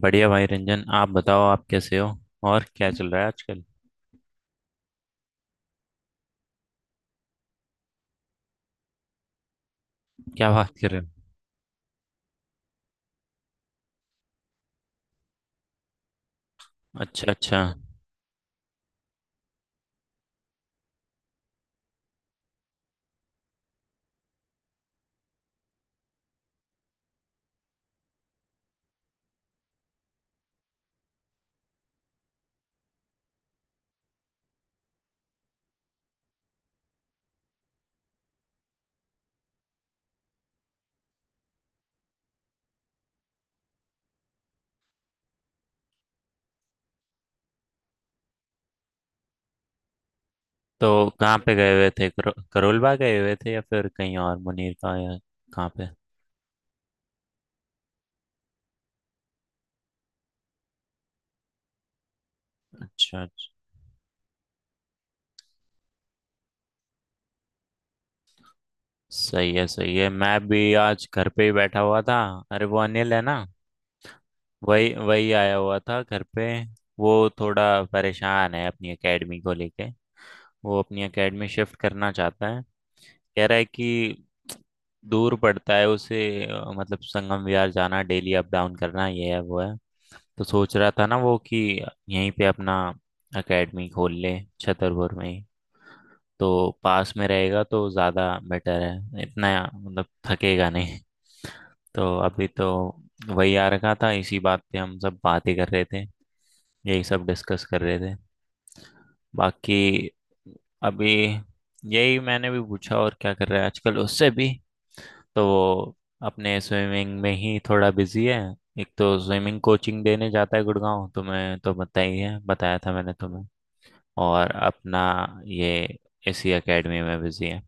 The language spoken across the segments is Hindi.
बढ़िया भाई रंजन। आप बताओ, आप कैसे हो? और क्या चल रहा है आजकल? क्या बात कर रहे हो? अच्छा, अच्छा। तो कहाँ पे गए हुए थे, करोलबाग गए हुए थे या फिर कहीं और मुनीर का, या कहाँ पे? अच्छा, अच्छा। सही है, सही है। मैं भी आज घर पे ही बैठा हुआ था। अरे वो अनिल है ना, वही वही आया हुआ था घर पे। वो थोड़ा परेशान है अपनी एकेडमी को लेके। वो अपनी एकेडमी शिफ्ट करना चाहता है। कह रहा है कि दूर पड़ता है उसे। मतलब संगम विहार जाना, डेली अप डाउन करना, ये है वो है। तो सोच रहा था ना वो कि यहीं पे अपना एकेडमी खोल ले छतरपुर में ही। तो पास में रहेगा तो ज़्यादा बेटर है इतना, मतलब थकेगा नहीं। तो अभी तो वही आ रखा था, इसी बात पे हम सब बातें कर रहे थे, यही सब डिस्कस कर रहे थे। बाकी अभी यही मैंने भी पूछा और क्या कर रहा है आजकल उससे भी। तो वो अपने स्विमिंग में ही थोड़ा बिजी है। एक तो स्विमिंग कोचिंग देने जाता है गुड़गांव, तुम्हें तो बताया ही है, बताया था मैंने तुम्हें। और अपना ये इसी एकेडमी में बिजी है।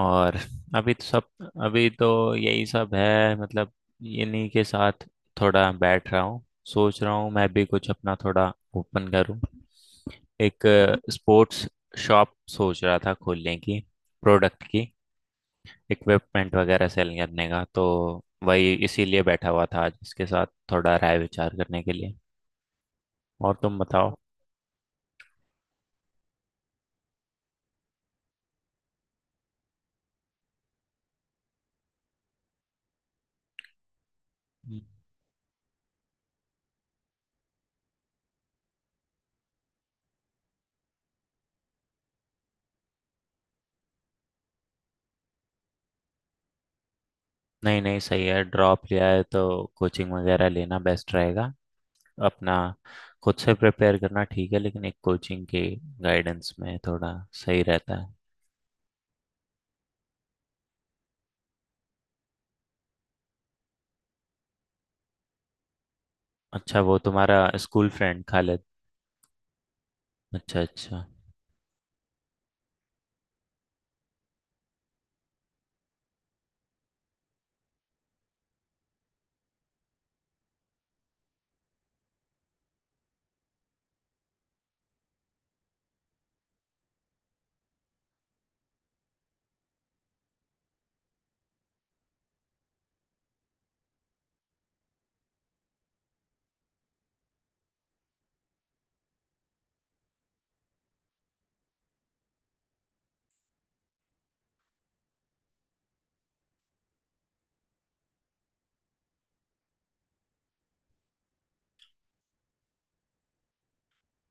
और अभी तो सब, अभी तो यही सब है मतलब। इन्हीं के साथ थोड़ा बैठ रहा हूँ। सोच रहा हूँ मैं भी कुछ अपना थोड़ा ओपन करूँ, एक स्पोर्ट्स शॉप सोच रहा था खोलने की, प्रोडक्ट की, इक्विपमेंट वगैरह सेल करने का। तो वही इसीलिए बैठा हुआ था आज इसके साथ थोड़ा राय विचार करने के लिए। और तुम बताओ। हम्म। नहीं नहीं, सही है, ड्रॉप लिया है तो कोचिंग वगैरह लेना बेस्ट रहेगा अपना। खुद से प्रिपेयर करना ठीक है, लेकिन एक कोचिंग के गाइडेंस में थोड़ा सही रहता है। अच्छा, वो तुम्हारा स्कूल फ्रेंड खालिद। अच्छा, अच्छा।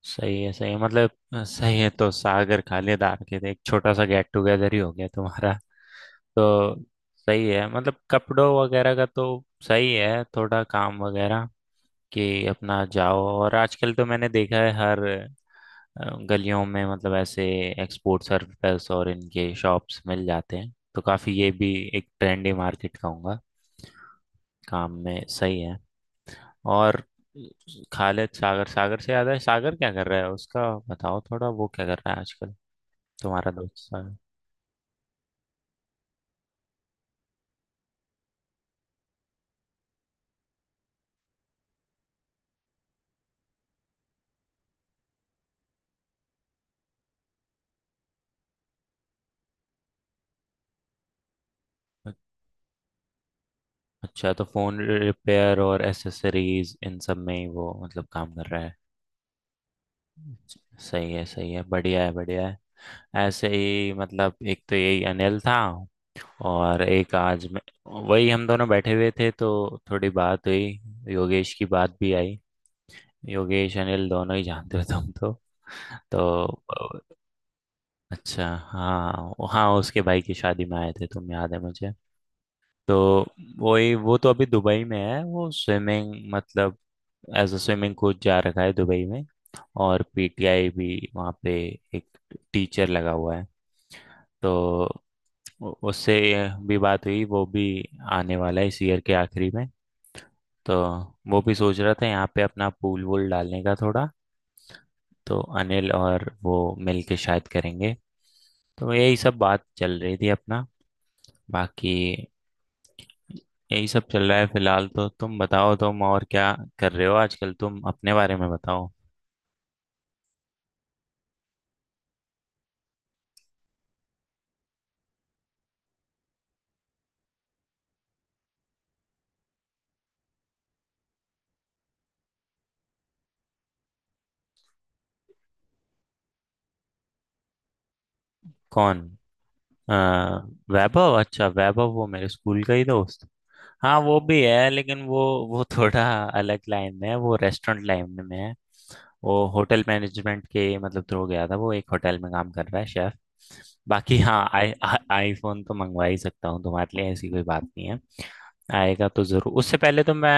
सही है, सही है, मतलब सही है। तो सागर खालेदार के थे, एक छोटा सा गेट टुगेदर ही हो गया तुम्हारा। तो सही है, मतलब कपड़ों वगैरह का तो सही है, थोड़ा काम वगैरह कि अपना जाओ। और आजकल तो मैंने देखा है हर गलियों में मतलब ऐसे एक्सपोर्ट सर्विस और इनके शॉप्स मिल जाते हैं। तो काफी, ये भी एक ट्रेंडी मार्केट कहूंगा। काम में सही है। और खालिद सागर सागर से याद है, सागर क्या कर रहा है उसका बताओ थोड़ा, वो क्या कर रहा है आजकल, तुम्हारा दोस्त सागर? अच्छा, तो फोन रिपेयर और एसेसरीज इन सब में ही वो मतलब काम कर रहा है। सही है, सही है। बढ़िया है, बढ़िया है। ऐसे ही मतलब, एक तो यही अनिल था और एक आज मैं, वही हम दोनों बैठे हुए थे। तो थोड़ी बात हुई, योगेश की बात भी आई। योगेश अनिल दोनों ही जानते हो तुम तो। तो अच्छा हाँ, हाँ उसके भाई की शादी में आए थे तुम, याद है मुझे। तो वही, वो तो अभी दुबई में है। वो स्विमिंग मतलब एज अ स्विमिंग कोच जा रखा है दुबई में। और पीटीआई भी वहाँ पे एक टीचर लगा हुआ है। तो उससे भी बात हुई। वो भी आने वाला है इस ईयर के आखिरी में। तो वो भी सोच रहा था यहाँ पे अपना पूल वूल डालने का थोड़ा। तो अनिल और वो मिल के शायद करेंगे। तो यही सब बात चल रही थी अपना। बाकी यही सब चल रहा है फिलहाल। तो तुम बताओ तुम और क्या कर रहे हो आजकल, तुम अपने बारे में बताओ। कौन? आ, वैभव? अच्छा, वैभव वो मेरे स्कूल का ही दोस्त, हाँ वो भी है। लेकिन वो थोड़ा अलग लाइन में है, वो रेस्टोरेंट लाइन में है। वो होटल मैनेजमेंट के मतलब थ्रू गया था। वो एक होटल में काम कर रहा है शेफ। बाकी हाँ, आईफोन तो मंगवा ही सकता हूँ तुम्हारे लिए, ऐसी कोई बात नहीं है। आएगा तो जरूर। उससे पहले तो मैं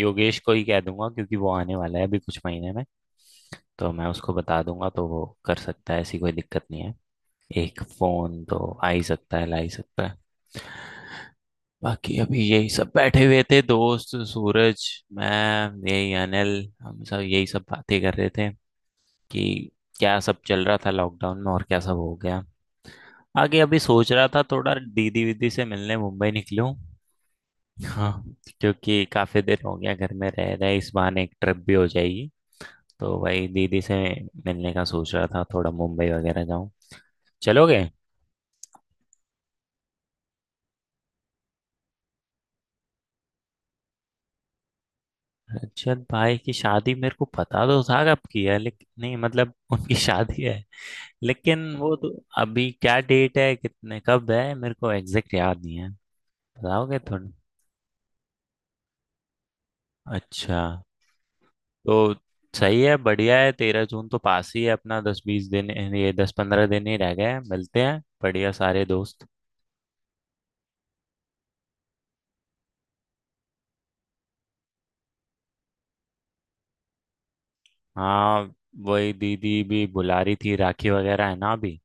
योगेश को ही कह दूंगा क्योंकि वो आने वाला है अभी कुछ महीने में। तो मैं उसको बता दूंगा, तो वो कर सकता है, ऐसी कोई दिक्कत नहीं है। एक फोन तो आ ही सकता है, ला ही सकता है। बाकी अभी यही सब बैठे हुए थे, दोस्त सूरज, मैं, यही अनिल, हम सब यही सब बातें कर रहे थे कि क्या सब चल रहा था लॉकडाउन में और क्या सब हो गया आगे। अभी सोच रहा था थोड़ा दीदी वीदी से मिलने मुंबई निकलूं। हाँ, क्योंकि काफी दिन हो गया घर में रह रहे, इस बहाने एक ट्रिप भी हो जाएगी। तो वही दीदी से मिलने का सोच रहा था थोड़ा, मुंबई वगैरह जाऊं। चलोगे? रजत भाई की शादी, मेरे को पता तो था कब की है, लेकिन नहीं मतलब उनकी शादी है। लेकिन वो तो अभी क्या डेट है, कितने कब है, मेरे को एग्जैक्ट याद नहीं है। बताओगे थोड़ा? अच्छा। तो सही है, बढ़िया है, 13 जून तो पास ही है अपना। 10 20 दिन, ये 10 15 दिन ही रह गए हैं। मिलते हैं बढ़िया, सारे दोस्त। हाँ, वही दीदी भी बुला रही थी, राखी वगैरह है ना अभी।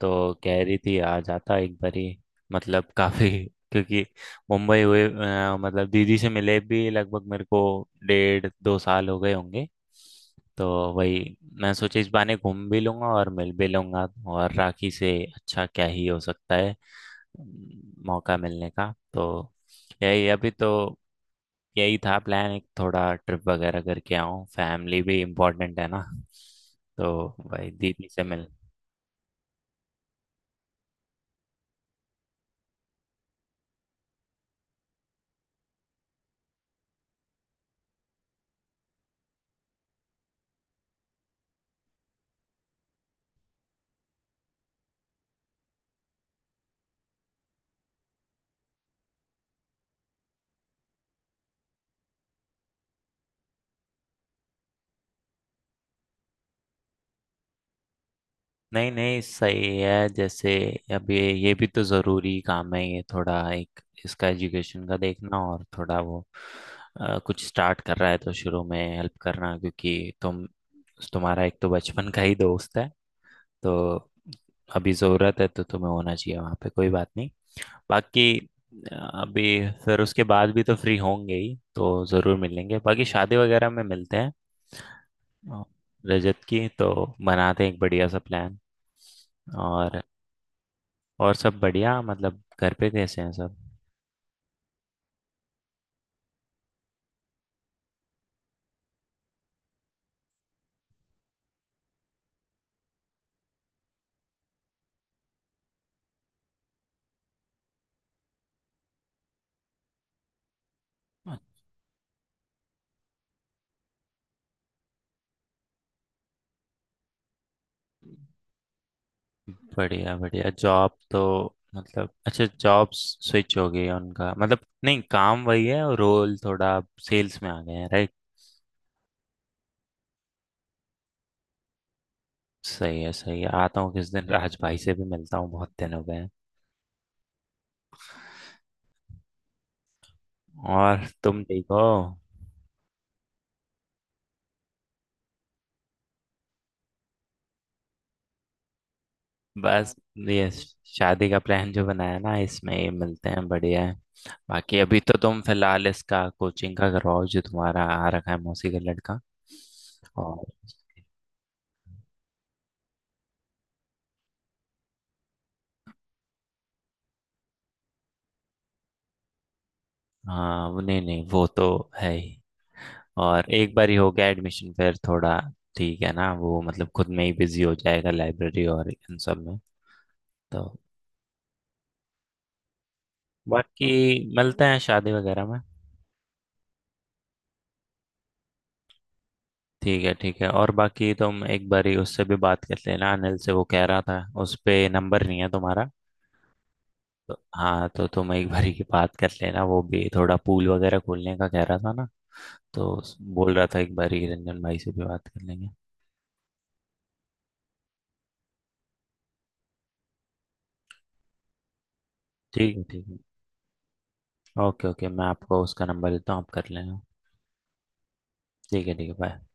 तो कह रही थी आ जाता एक बारी। मतलब काफी क्योंकि मुंबई हुए, मतलब दीदी से मिले भी लगभग मेरे को 1.5 2 साल हो गए होंगे। तो वही मैं सोचा इस बहाने घूम भी लूंगा और मिल भी लूंगा। और राखी से अच्छा क्या ही हो सकता है मौका मिलने का। तो यही अभी तो, यही था प्लान, एक थोड़ा ट्रिप वगैरह करके आऊँ। फैमिली भी इम्पोर्टेंट है ना, तो भाई दीदी से मिल। नहीं नहीं, सही है। जैसे अब ये भी तो ज़रूरी काम है, ये थोड़ा एक इसका एजुकेशन का देखना, और थोड़ा वो कुछ स्टार्ट कर रहा है तो शुरू में हेल्प करना, क्योंकि तुम, तुम्हारा एक तो बचपन का ही दोस्त है। तो अभी ज़रूरत है तो तुम्हें होना चाहिए वहाँ पे, कोई बात नहीं। बाकी अ, अभी फिर उसके बाद भी तो फ्री होंगे ही तो ज़रूर मिलेंगे। बाकी शादी वगैरह में मिलते हैं। हाँ, रजत की तो बनाते हैं एक बढ़िया सा प्लान। और और सब बढ़िया, मतलब घर पे कैसे हैं सब? अच्छा, बढ़िया बढ़िया। जॉब तो मतलब अच्छा जॉब स्विच हो गई है उनका, मतलब नहीं, काम वही है और रोल थोड़ा सेल्स में आ गए हैं, राइट? सही है, सही है। आता हूँ किस दिन राज भाई से भी मिलता हूँ, बहुत दिन हो गए हैं। और तुम ठीक हो? बस ये शादी का प्लान जो बनाया ना, इसमें ये मिलते हैं, बढ़िया है। बाकी अभी तो तुम फिलहाल इसका कोचिंग का करवाओ, जो तुम्हारा आ रखा है मौसी का लड़का। और हाँ, वो नहीं नहीं, वो तो है ही। और एक बार ही हो गया एडमिशन फिर थोड़ा ठीक है ना, वो मतलब खुद में ही बिजी हो जाएगा लाइब्रेरी और इन सब में। तो बाकी मिलते हैं शादी वगैरह में। ठीक है, ठीक है। और बाकी तुम एक बार ही उससे भी बात कर लेना, अनिल से, वो कह रहा था उस पे नंबर नहीं है तुम्हारा। तो हाँ, तो तुम एक बारी की बात कर लेना, वो भी थोड़ा पूल वगैरह खोलने का कह रहा था ना। तो बोल रहा था एक बारी रंजन भाई से भी बात कर लेंगे। ठीक है, ठीक है। Okay, okay. मैं आपको उसका नंबर देता हूँ, आप कर लेना। ठीक है, ठीक है, बाय।